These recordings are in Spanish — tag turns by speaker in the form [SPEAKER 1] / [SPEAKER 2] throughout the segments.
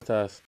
[SPEAKER 1] ¿Estás?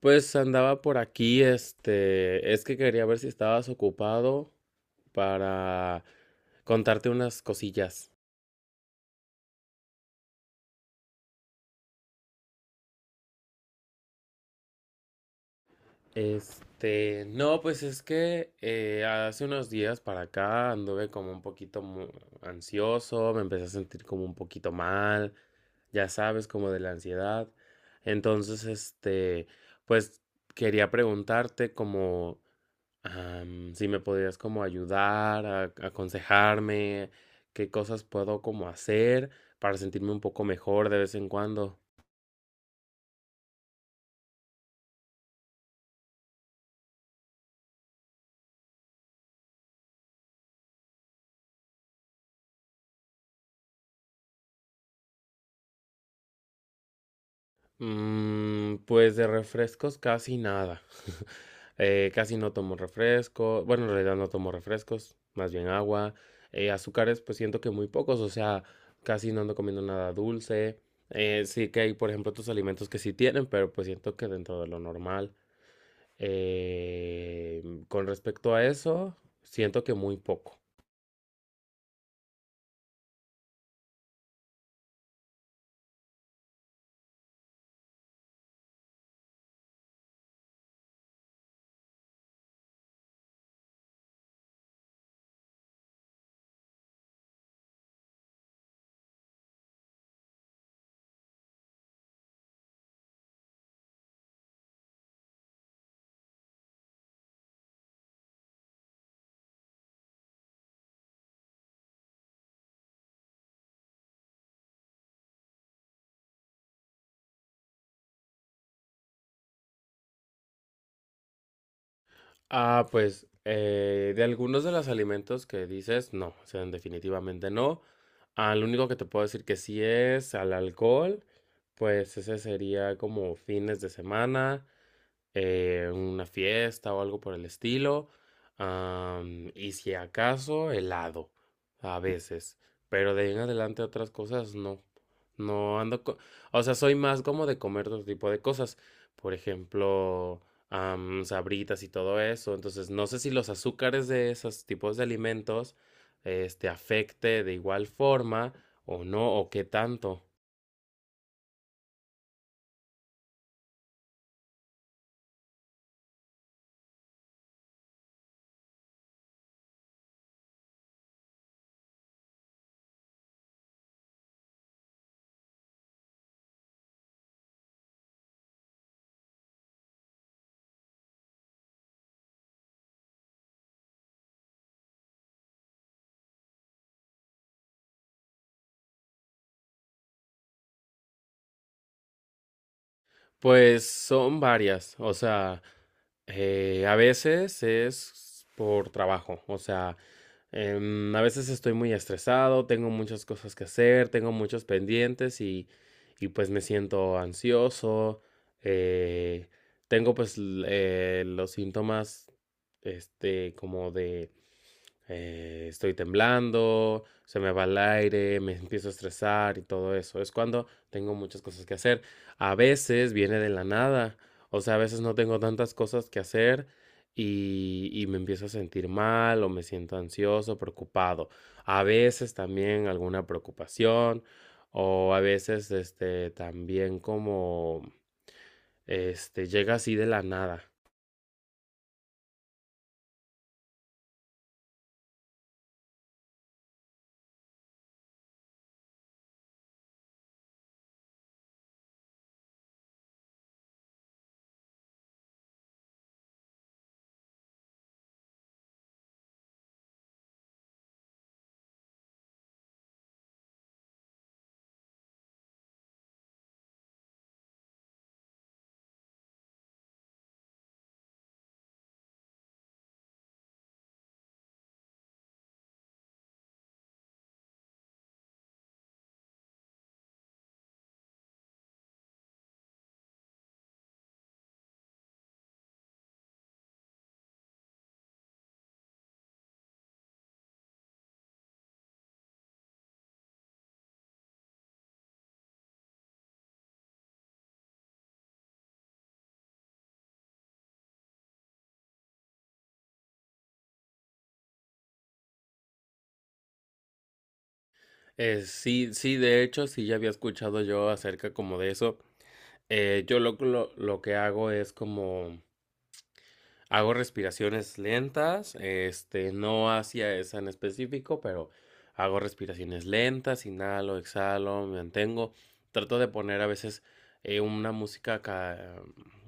[SPEAKER 1] Pues andaba por aquí, es que quería ver si estabas ocupado para contarte unas cosillas. No, pues es que hace unos días para acá anduve como un poquito ansioso, me empecé a sentir como un poquito mal, ya sabes, como de la ansiedad. Entonces, pues quería preguntarte como si me podrías como ayudar, a, aconsejarme, qué cosas puedo como hacer para sentirme un poco mejor de vez en cuando. Mm, pues de refrescos casi nada. Casi no tomo refresco. Bueno, en realidad no tomo refrescos, más bien agua. Azúcares, pues siento que muy pocos, o sea, casi no ando comiendo nada dulce. Sí que hay, por ejemplo, otros alimentos que sí tienen, pero pues siento que dentro de lo normal. Eh, con respecto a eso, siento que muy poco. Ah, pues de algunos de los alimentos que dices, no, o sea, definitivamente no. Ah, lo único que te puedo decir que sí es al alcohol, pues ese sería como fines de semana. Una fiesta o algo por el estilo. Y si acaso, helado, a veces. Pero de ahí en adelante otras cosas no. No ando co- O sea, soy más como de comer otro tipo de cosas. Por ejemplo, sabritas y todo eso. Entonces, no sé si los azúcares de esos tipos de alimentos, afecte de igual forma o no, o qué tanto. Pues son varias, o sea, a veces es por trabajo, o sea, a veces estoy muy estresado, tengo muchas cosas que hacer, tengo muchos pendientes y pues me siento ansioso, eh, tengo pues los síntomas, como de estoy temblando, se me va el aire, me empiezo a estresar y todo eso. Es cuando tengo muchas cosas que hacer. A veces viene de la nada, o sea, a veces no tengo tantas cosas que hacer y me empiezo a sentir mal o me siento ansioso, preocupado. A veces también alguna preocupación o a veces este también como este llega así de la nada. Sí, sí, de hecho, sí ya había escuchado yo acerca como de eso. Yo lo que hago es como: hago respiraciones lentas, no hacia esa en específico, pero hago respiraciones lentas, inhalo, exhalo, me mantengo. Trato de poner a veces una música ca-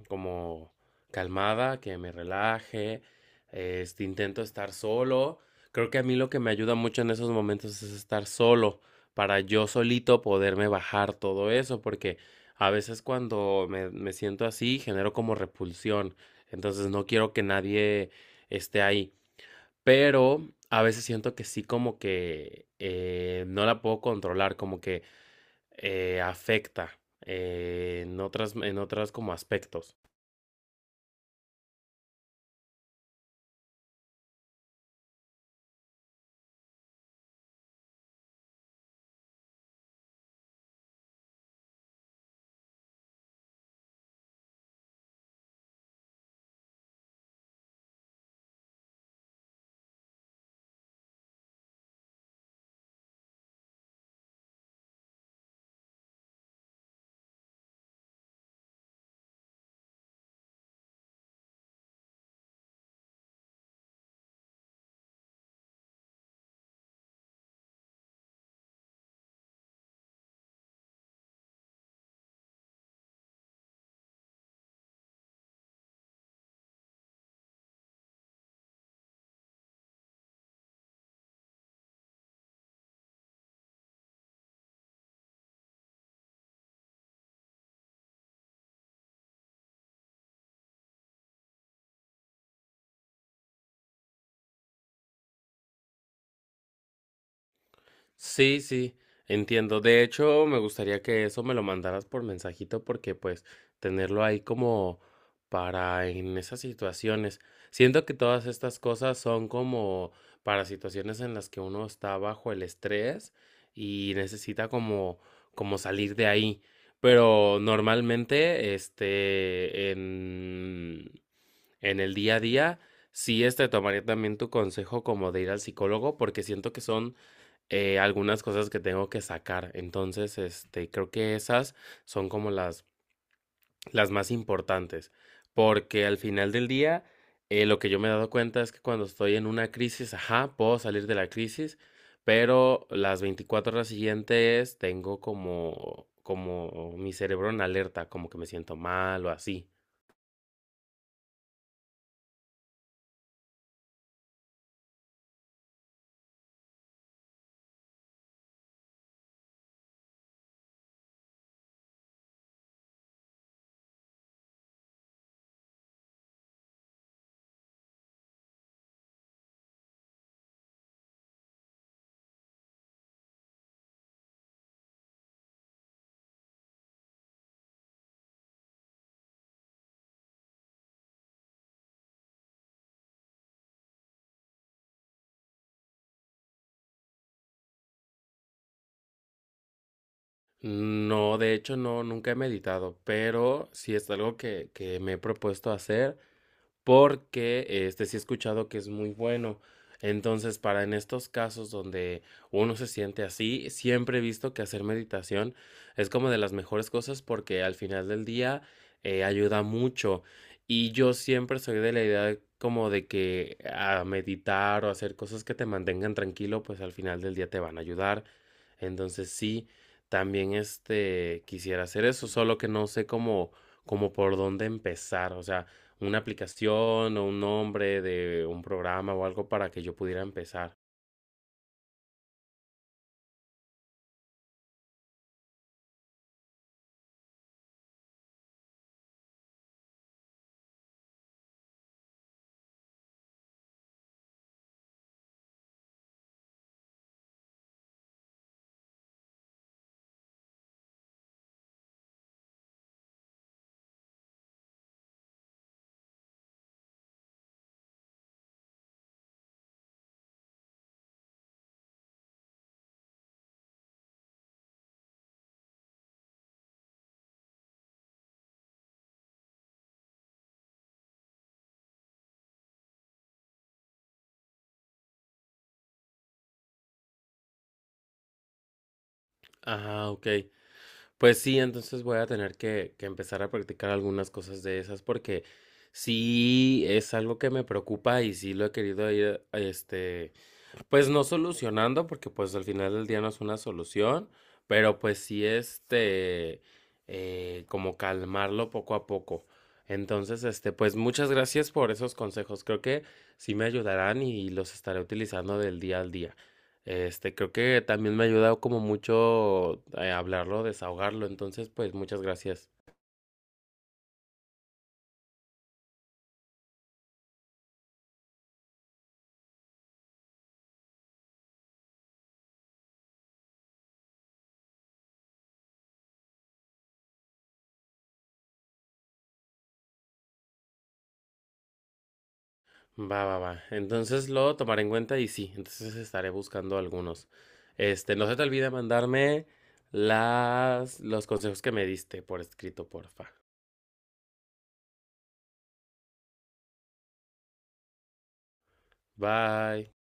[SPEAKER 1] como calmada, que me relaje. Intento estar solo. Creo que a mí lo que me ayuda mucho en esos momentos es estar solo, para yo solito poderme bajar todo eso, porque a veces cuando me siento así, genero como repulsión. Entonces no quiero que nadie esté ahí. Pero a veces siento que sí como que no la puedo controlar, como que afecta en en otras como aspectos. Sí, sí, entiendo. De hecho, me gustaría que eso me lo mandaras por mensajito porque pues tenerlo ahí como para en esas situaciones. Siento que todas estas cosas son como para situaciones en las que uno está bajo el estrés y necesita como salir de ahí. Pero normalmente, en el día a día, sí, tomaría también tu consejo como de ir al psicólogo porque siento que son algunas cosas que tengo que sacar. Entonces, creo que esas son como las más importantes. Porque al final del día, lo que yo me he dado cuenta es que cuando estoy en una crisis, ajá, puedo salir de la crisis, pero las 24 horas siguientes tengo como, como mi cerebro en alerta, como que me siento mal o así. No, de hecho, no, nunca he meditado, pero sí es algo que me he propuesto hacer porque sí he escuchado que es muy bueno. Entonces, para en estos casos donde uno se siente así, siempre he visto que hacer meditación es como de las mejores cosas porque al final del día ayuda mucho. Y yo siempre soy de la idea como de que a meditar o hacer cosas que te mantengan tranquilo, pues al final del día te van a ayudar. Entonces, sí, también quisiera hacer eso, solo que no sé cómo por dónde empezar. O sea, una aplicación o un nombre de un programa o algo para que yo pudiera empezar. Ah, ok. Pues sí, entonces voy a tener que empezar a practicar algunas cosas de esas porque sí es algo que me preocupa y sí lo he querido ir, pues no solucionando, porque pues al final del día no es una solución, pero pues sí como calmarlo poco a poco. Entonces, pues muchas gracias por esos consejos. Creo que sí me ayudarán y los estaré utilizando del día al día. Creo que también me ha ayudado como mucho hablarlo, desahogarlo. Entonces, pues muchas gracias. Va, va, va. Entonces lo tomaré en cuenta y sí, entonces estaré buscando algunos. No se te olvide mandarme los consejos que me diste por escrito, porfa. Bye.